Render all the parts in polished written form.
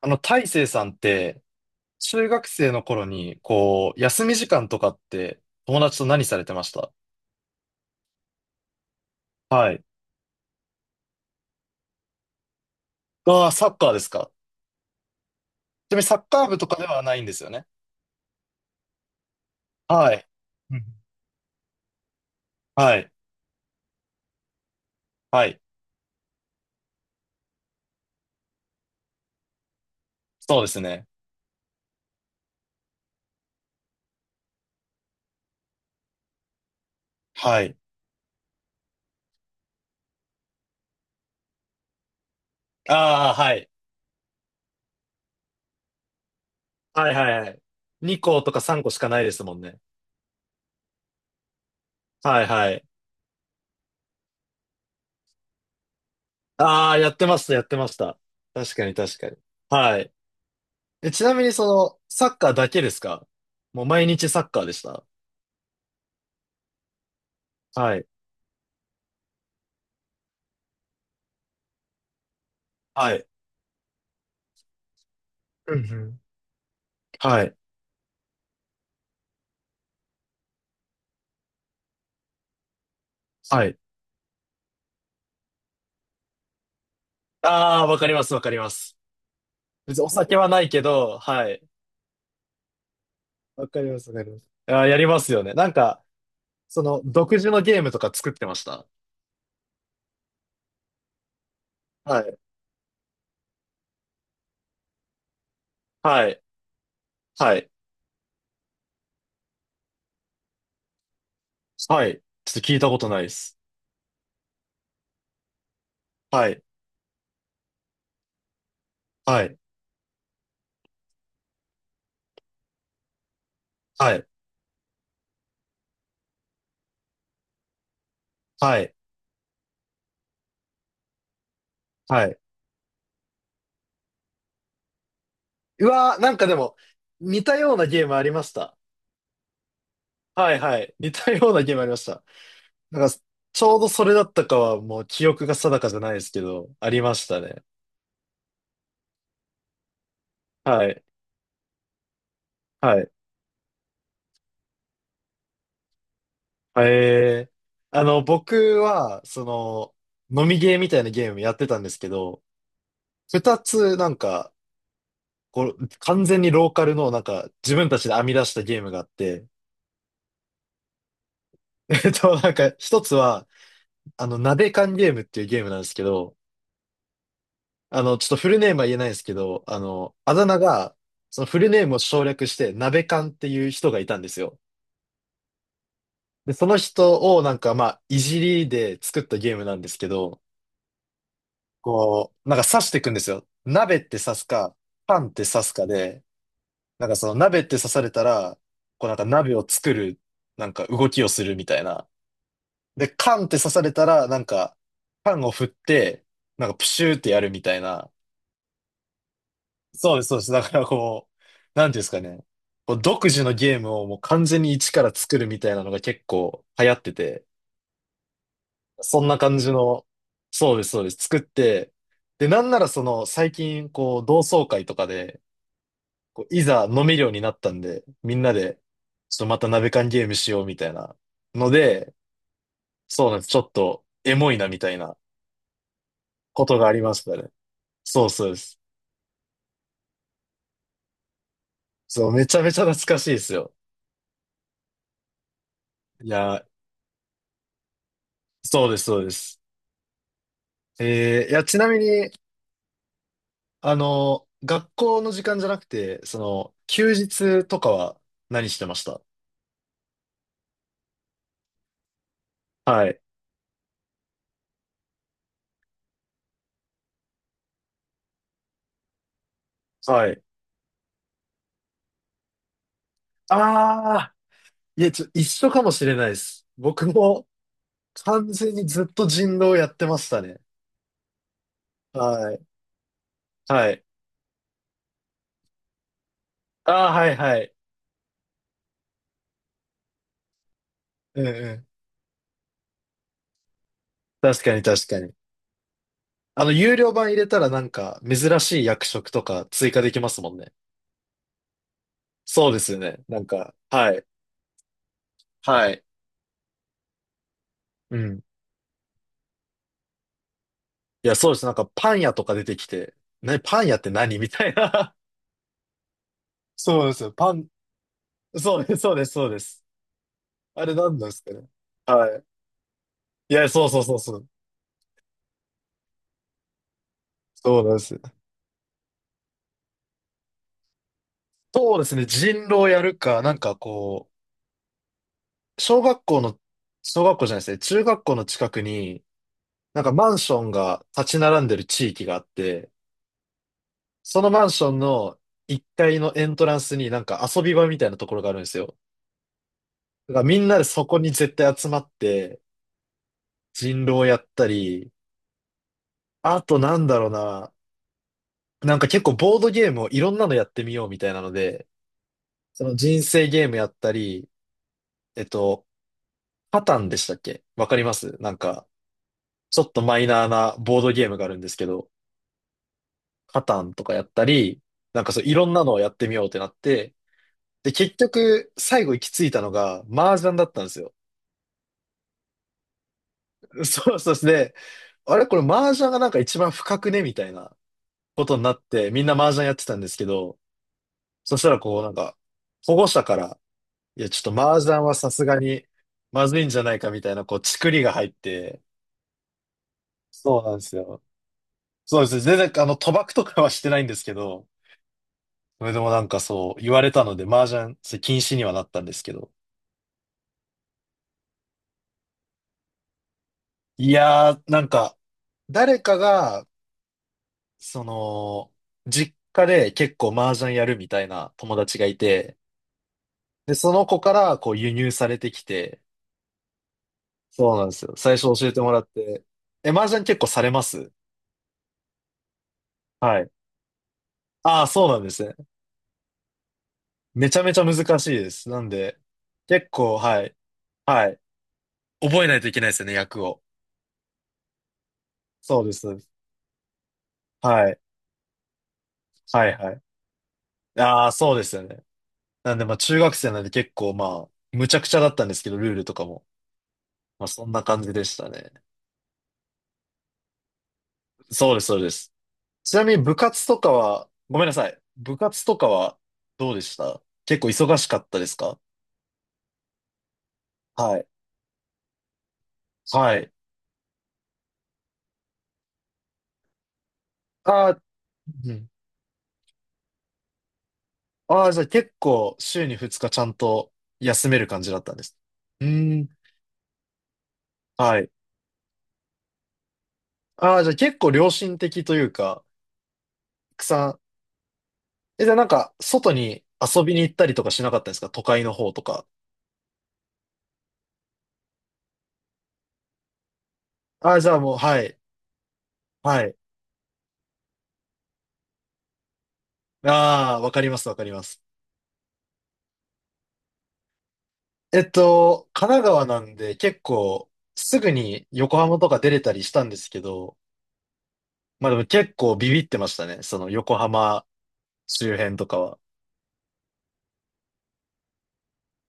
大成さんって、中学生の頃に、こう、休み時間とかって、友達と何されてました？はい。ああ、サッカーですか。ちなみにサッカー部とかではないんですよね。はい。うん。はい。はい。そうですね。はい。ああ、はい。はいはいはい。2校とか3校しかないですもんね。はいはい。ああ、やってました、やってました。確かに確かに。はい。え、ちなみにサッカーだけですか？もう毎日サッカーでした。はい。はい。うんうん。はい。はい。ああ、わかります、わかります。別にお酒はないけど、はい。わかります、わかります。ああ、やりますよね。なんか、その、独自のゲームとか作ってました？はい。はい。はい。はい。ちょっと聞いたことないです。はい。はい。はい。はい。はい。うわー、なんかでも、似たようなゲームありました。はい、はい。似たようなゲームありました。なんか、ちょうどそれだったかは、もう記憶が定かじゃないですけど、ありましたね。はい。はい。えー、あの、僕は、その、飲みゲーみたいなゲームやってたんですけど、二つなんか、こう、完全にローカルのなんか、自分たちで編み出したゲームがあって、なんか、一つは、鍋缶ゲームっていうゲームなんですけど、ちょっとフルネームは言えないですけど、あだ名が、そのフルネームを省略して、鍋缶っていう人がいたんですよ。で、その人をなんか、まあ、いじりで作ったゲームなんですけど、こう、なんか刺していくんですよ。鍋って刺すか、パンって刺すかで、なんかその鍋って刺されたら、こうなんか鍋を作る、なんか動きをするみたいな。で、パンって刺されたら、なんか、パンを振って、なんかプシューってやるみたいな。そうです、そうです。だからこう、なんていうんですかね。こう独自のゲームをもう完全に一から作るみたいなのが結構流行ってて、そんな感じの、そうです、そうです。作って、で、なんならその最近こう同窓会とかで、こういざ飲めるようになったんで、みんなで、ちょっとまた鍋缶ゲームしようみたいなので、そうなんです。ちょっとエモいなみたいなことがありましたね。そうそうです。そう、めちゃめちゃ懐かしいですよ。いや、そうです、そうです。いや、ちなみに、学校の時間じゃなくて、休日とかは何してました？はい。はい。ああ、いや、一緒かもしれないです。僕も完全にずっと人狼やってましたね。はい。はい。ああ、はいはい。うんうん。確かに確かに。有料版入れたらなんか、珍しい役職とか追加できますもんね。そうですよね。なんか、はい。はい。うん。いや、そうです。なんか、パン屋とか出てきて、ね、パン屋って何みたいな。そうですよ。そうです、そうです、そうです。あれ何なんですかね。はい。いや、そうそうそうそう。そうなんですよ。そうですね。人狼やるか、なんかこう、小学校の、小学校じゃないですね。中学校の近くに、なんかマンションが立ち並んでる地域があって、そのマンションの1階のエントランスになんか遊び場みたいなところがあるんですよ。だからみんなでそこに絶対集まって人狼やったり、あとなんだろうな、なんか結構ボードゲームをいろんなのやってみようみたいなので、その人生ゲームやったり、えっと、パタンでしたっけ？わかります？なんか、ちょっとマイナーなボードゲームがあるんですけど、パタンとかやったり、なんかそういろんなのをやってみようってなって、で、結局、最後行き着いたのが、麻雀だったんですよ。そうそうですね、あれこれ麻雀がなんか一番深くねみたいなことになって、みんな麻雀やってたんですけど、そしたらこうなんか、保護者から、いや、ちょっと麻雀はさすがにまずいんじゃないかみたいな、こう、チクリが入って、そうなんですよ。そうですね。全然、賭博とかはしてないんですけど、それでもなんかそう、言われたので、麻雀、それ禁止にはなったんですけど。いやー、なんか、誰かが、その、実家で結構麻雀やるみたいな友達がいて、で、その子からこう輸入されてきて、そうなんですよ。最初教えてもらって。え、麻雀結構されます？はい。ああ、そうなんですね。めちゃめちゃ難しいです。なんで、結構、はい。はい。覚えないといけないですよね、役を。そうです。そうです。はい。はい、はい。ああ、そうですよね。なんで、まあ、中学生なんで結構、まあ、むちゃくちゃだったんですけど、ルールとかも。まあ、そんな感じでしたね。そうです、そうです。ちなみに部活とかは、ごめんなさい。部活とかはどうでした？結構忙しかったですか？はい。はい。あー、うん。あー、じゃあ結構週に2日ちゃんと休める感じだったんです？うーん。はい。ああ、じゃあ結構良心的というか、たくさん。え、じゃあなんか外に遊びに行ったりとかしなかったですか？都会の方とか。ああ、じゃあもう、はい。はい。ああ、わかります、わかります。神奈川なんで結構すぐに横浜とか出れたりしたんですけど、まあでも結構ビビってましたね。その横浜周辺とかは。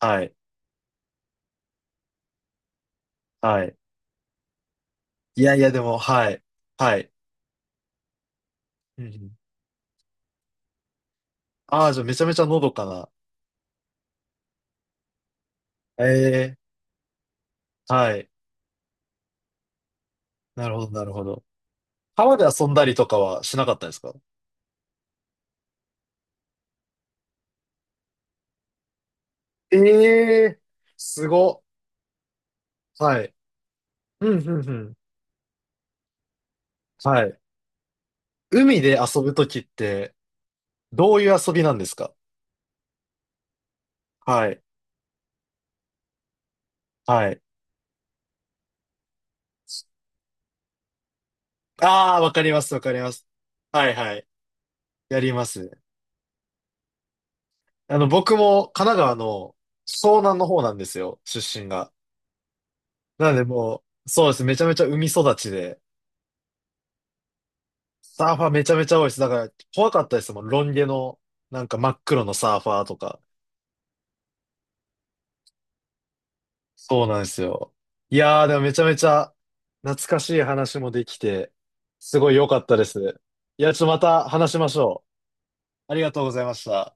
はい。はい。いやいやでも、はい。はい。うんうん。ああ、じゃあめちゃめちゃのどかな。ええ。はい。なるほど、なるほど。川で遊んだりとかはしなかったですか？ええ、すご。はい。うん、うん、うん。はい。海で遊ぶときって、どういう遊びなんですか？はい。はい。ああ、わかります、わかります。はいはい。やります。僕も神奈川の湘南の方なんですよ、出身が。なのでもう、そうです。めちゃめちゃ海育ちで、サーファーめちゃめちゃ多いです。だから怖かったですもん。ロン毛の、なんか真っ黒のサーファーとか。そうなんですよ。いやー、でもめちゃめちゃ懐かしい話もできて、すごい良かったです。いや、ちょっとまた話しましょう。ありがとうございました。